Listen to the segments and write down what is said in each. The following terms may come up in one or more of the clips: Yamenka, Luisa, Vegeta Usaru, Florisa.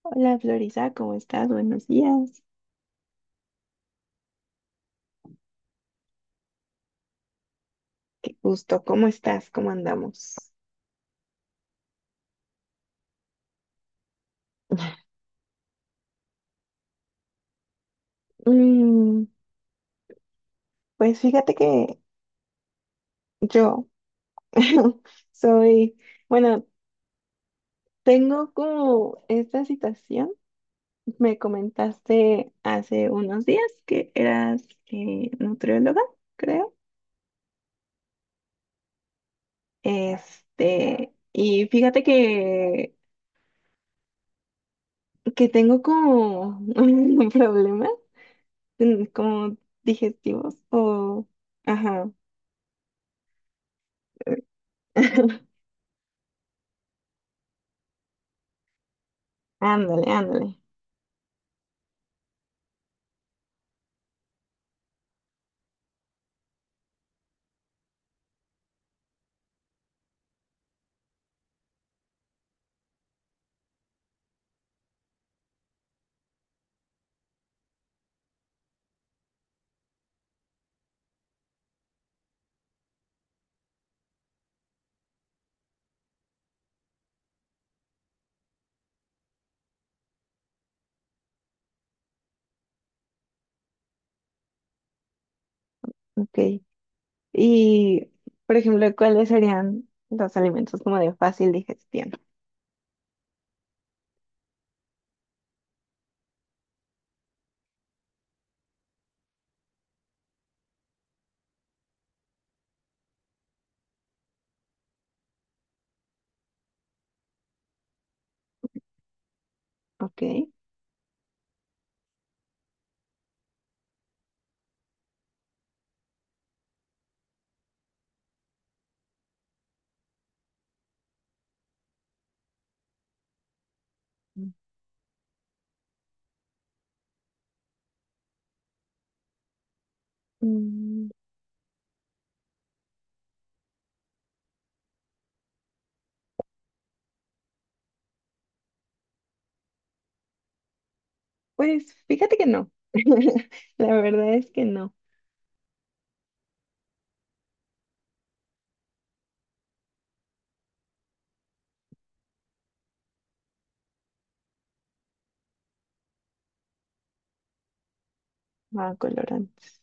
Hola Florisa, ¿cómo estás? Buenos días. Gusto, ¿cómo estás? ¿Cómo andamos? Mm, pues fíjate que yo soy, bueno, tengo como esta situación. Me comentaste hace unos días que eras nutrióloga, creo. Este, y fíjate que tengo como un problema, como digestivos o, ajá. Ándale, ándale. Ok. Y, por ejemplo, ¿cuáles serían los alimentos como de fácil digestión? Ok. Mm, Pues fíjate que no. La verdad es que no. Ah, colorantes.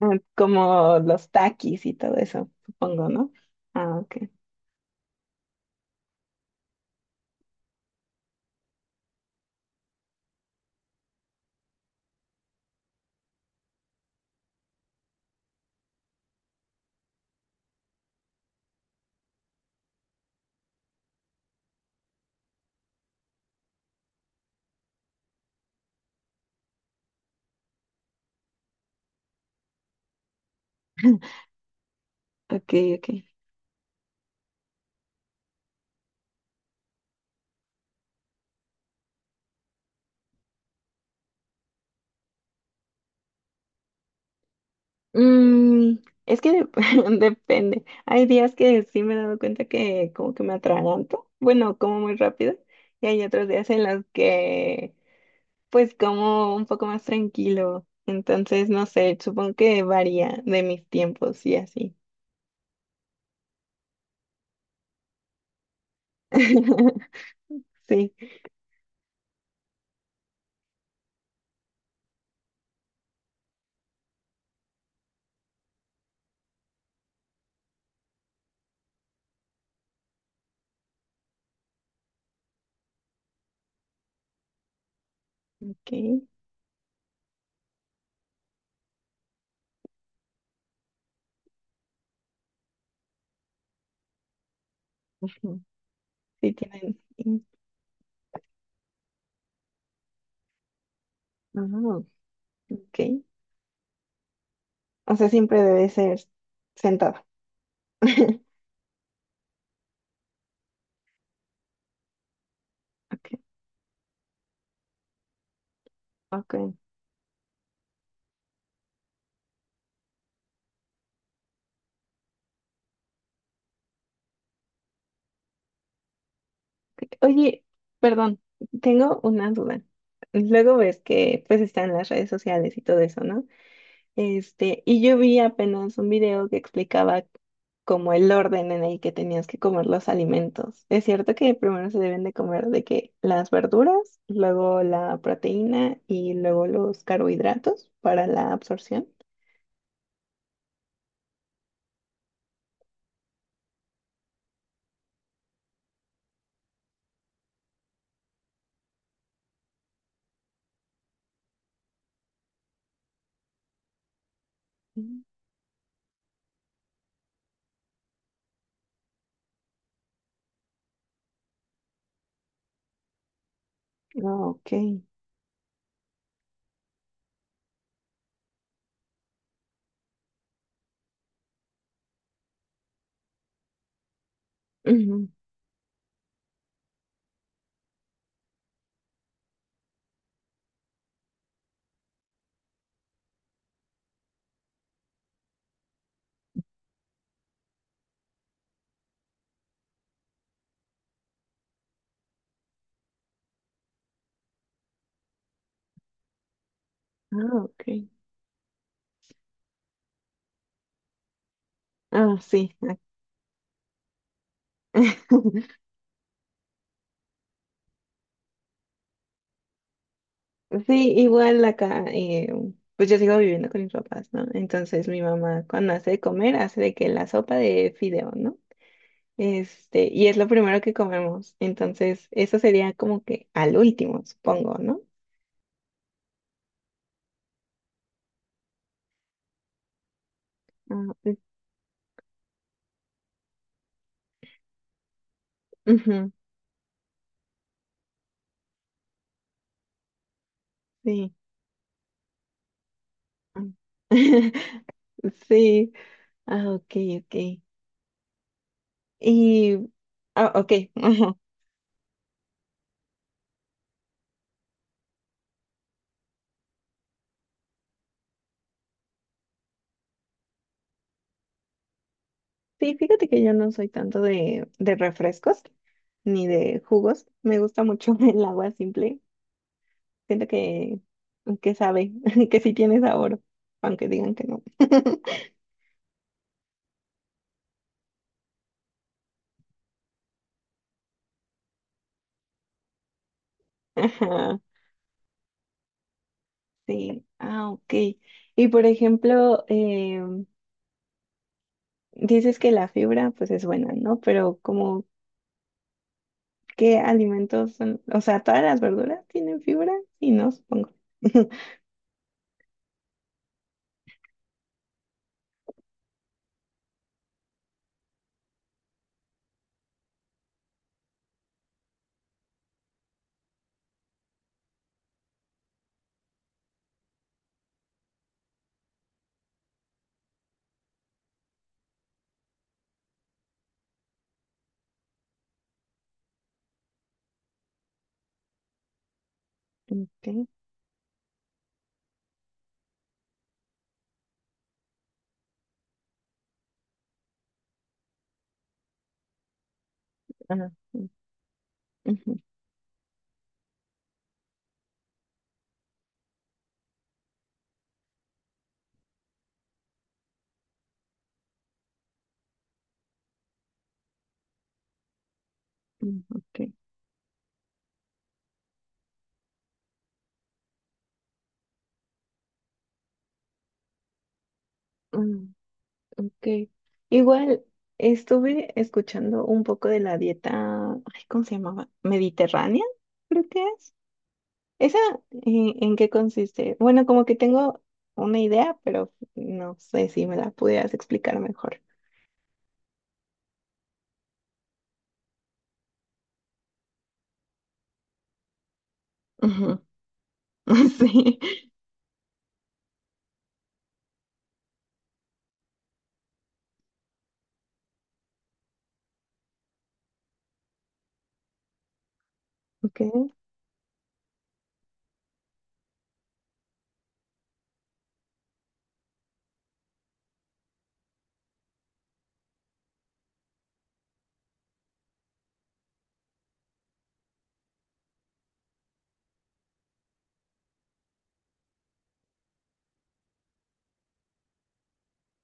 Ah, como los taquis y todo eso, supongo, ¿no? Ah, ok. Ok, ok. Mm, es que depende. Hay días que sí me he dado cuenta que como que me atraganto. Bueno, como muy rápido. Y hay otros días en los que pues como un poco más tranquilo. Entonces, no sé, supongo que varía de mis tiempos y así. Sí, ok. Ujú. Sí tienen. Sí. Ujú. Ok. O sea, siempre debe ser sentado. Ok, ok. Oye, perdón, tengo una duda. Luego ves que pues están las redes sociales y todo eso, ¿no? Este, y yo vi apenas un video que explicaba como el orden en el que tenías que comer los alimentos. Es cierto que primero se deben de comer de que las verduras, luego la proteína y luego los carbohidratos para la absorción. Mm. Ah, ok. Ujú. Ah, ok. Ah, sí. Ah. Sí, igual acá, pues yo sigo viviendo con mis papás, ¿no? Entonces mi mamá cuando hace de comer hace de que la sopa de fideo, ¿no? Este, y es lo primero que comemos. Entonces, eso sería como que al último, supongo, ¿no? Ah, es- ujú, sí. Ah. Sí. Ah, ok, ok. Y, ah, ok. ajá. Sí, fíjate que yo no soy tanto de refrescos ni de jugos. Me gusta mucho el agua simple. Siento que sabe, que sí tiene sabor, aunque digan que no. Ajá. Sí, ah, ok. Y por ejemplo, dices que la fibra pues es buena, ¿no? Pero como, ¿qué alimentos son? O sea, ¿todas las verduras tienen fibra? Sí, no, supongo. Ok, ah, sí, ujú, ok, mm, ok. Igual estuve escuchando un poco de la dieta, ay, ¿cómo se llamaba? Mediterránea, creo que es. ¿Esa en qué consiste? Bueno, como que tengo una idea, pero no sé si me la pudieras explicar mejor. Ujú. Sí. Ok,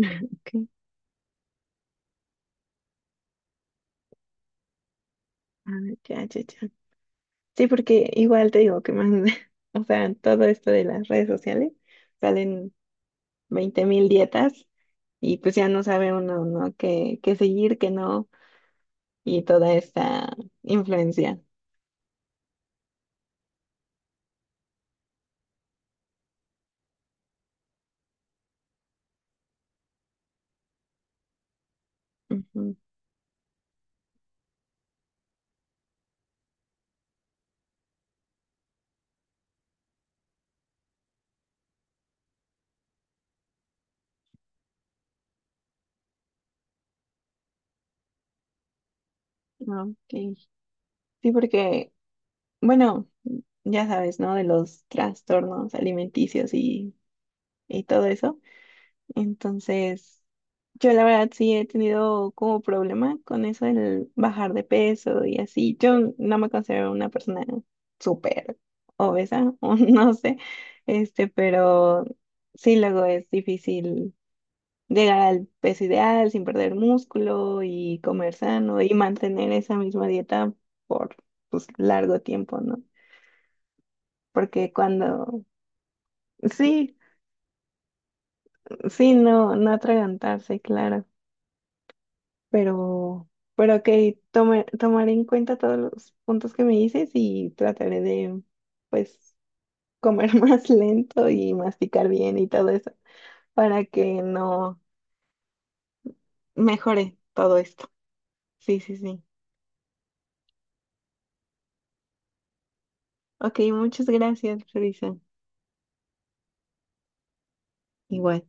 ok. Ah, ya, ya, ya. Sí, porque igual te digo que más, o sea, todo esto de las redes sociales salen 20,000 dietas y pues ya no sabe uno, ¿no? Qué, qué seguir, qué no, y toda esta influencia. Ujú. Ok. Sí, porque bueno, ya sabes, ¿no? De los trastornos alimenticios y todo eso. Entonces, yo la verdad sí he tenido como problema con eso, el bajar de peso y así. Yo no me considero una persona súper obesa, o no sé, este, pero sí luego es difícil llegar al peso ideal sin perder músculo y comer sano y mantener esa misma dieta por, pues, largo tiempo, ¿no? Porque cuando, sí, sí, no, no atragantarse, claro, pero, pero ok, tomaré en cuenta todos los puntos que me dices y trataré de, pues, comer más lento y masticar bien y todo eso, para que no mejore todo esto. Sí, sí, sí. Ok, muchas gracias, Luisa. Igual.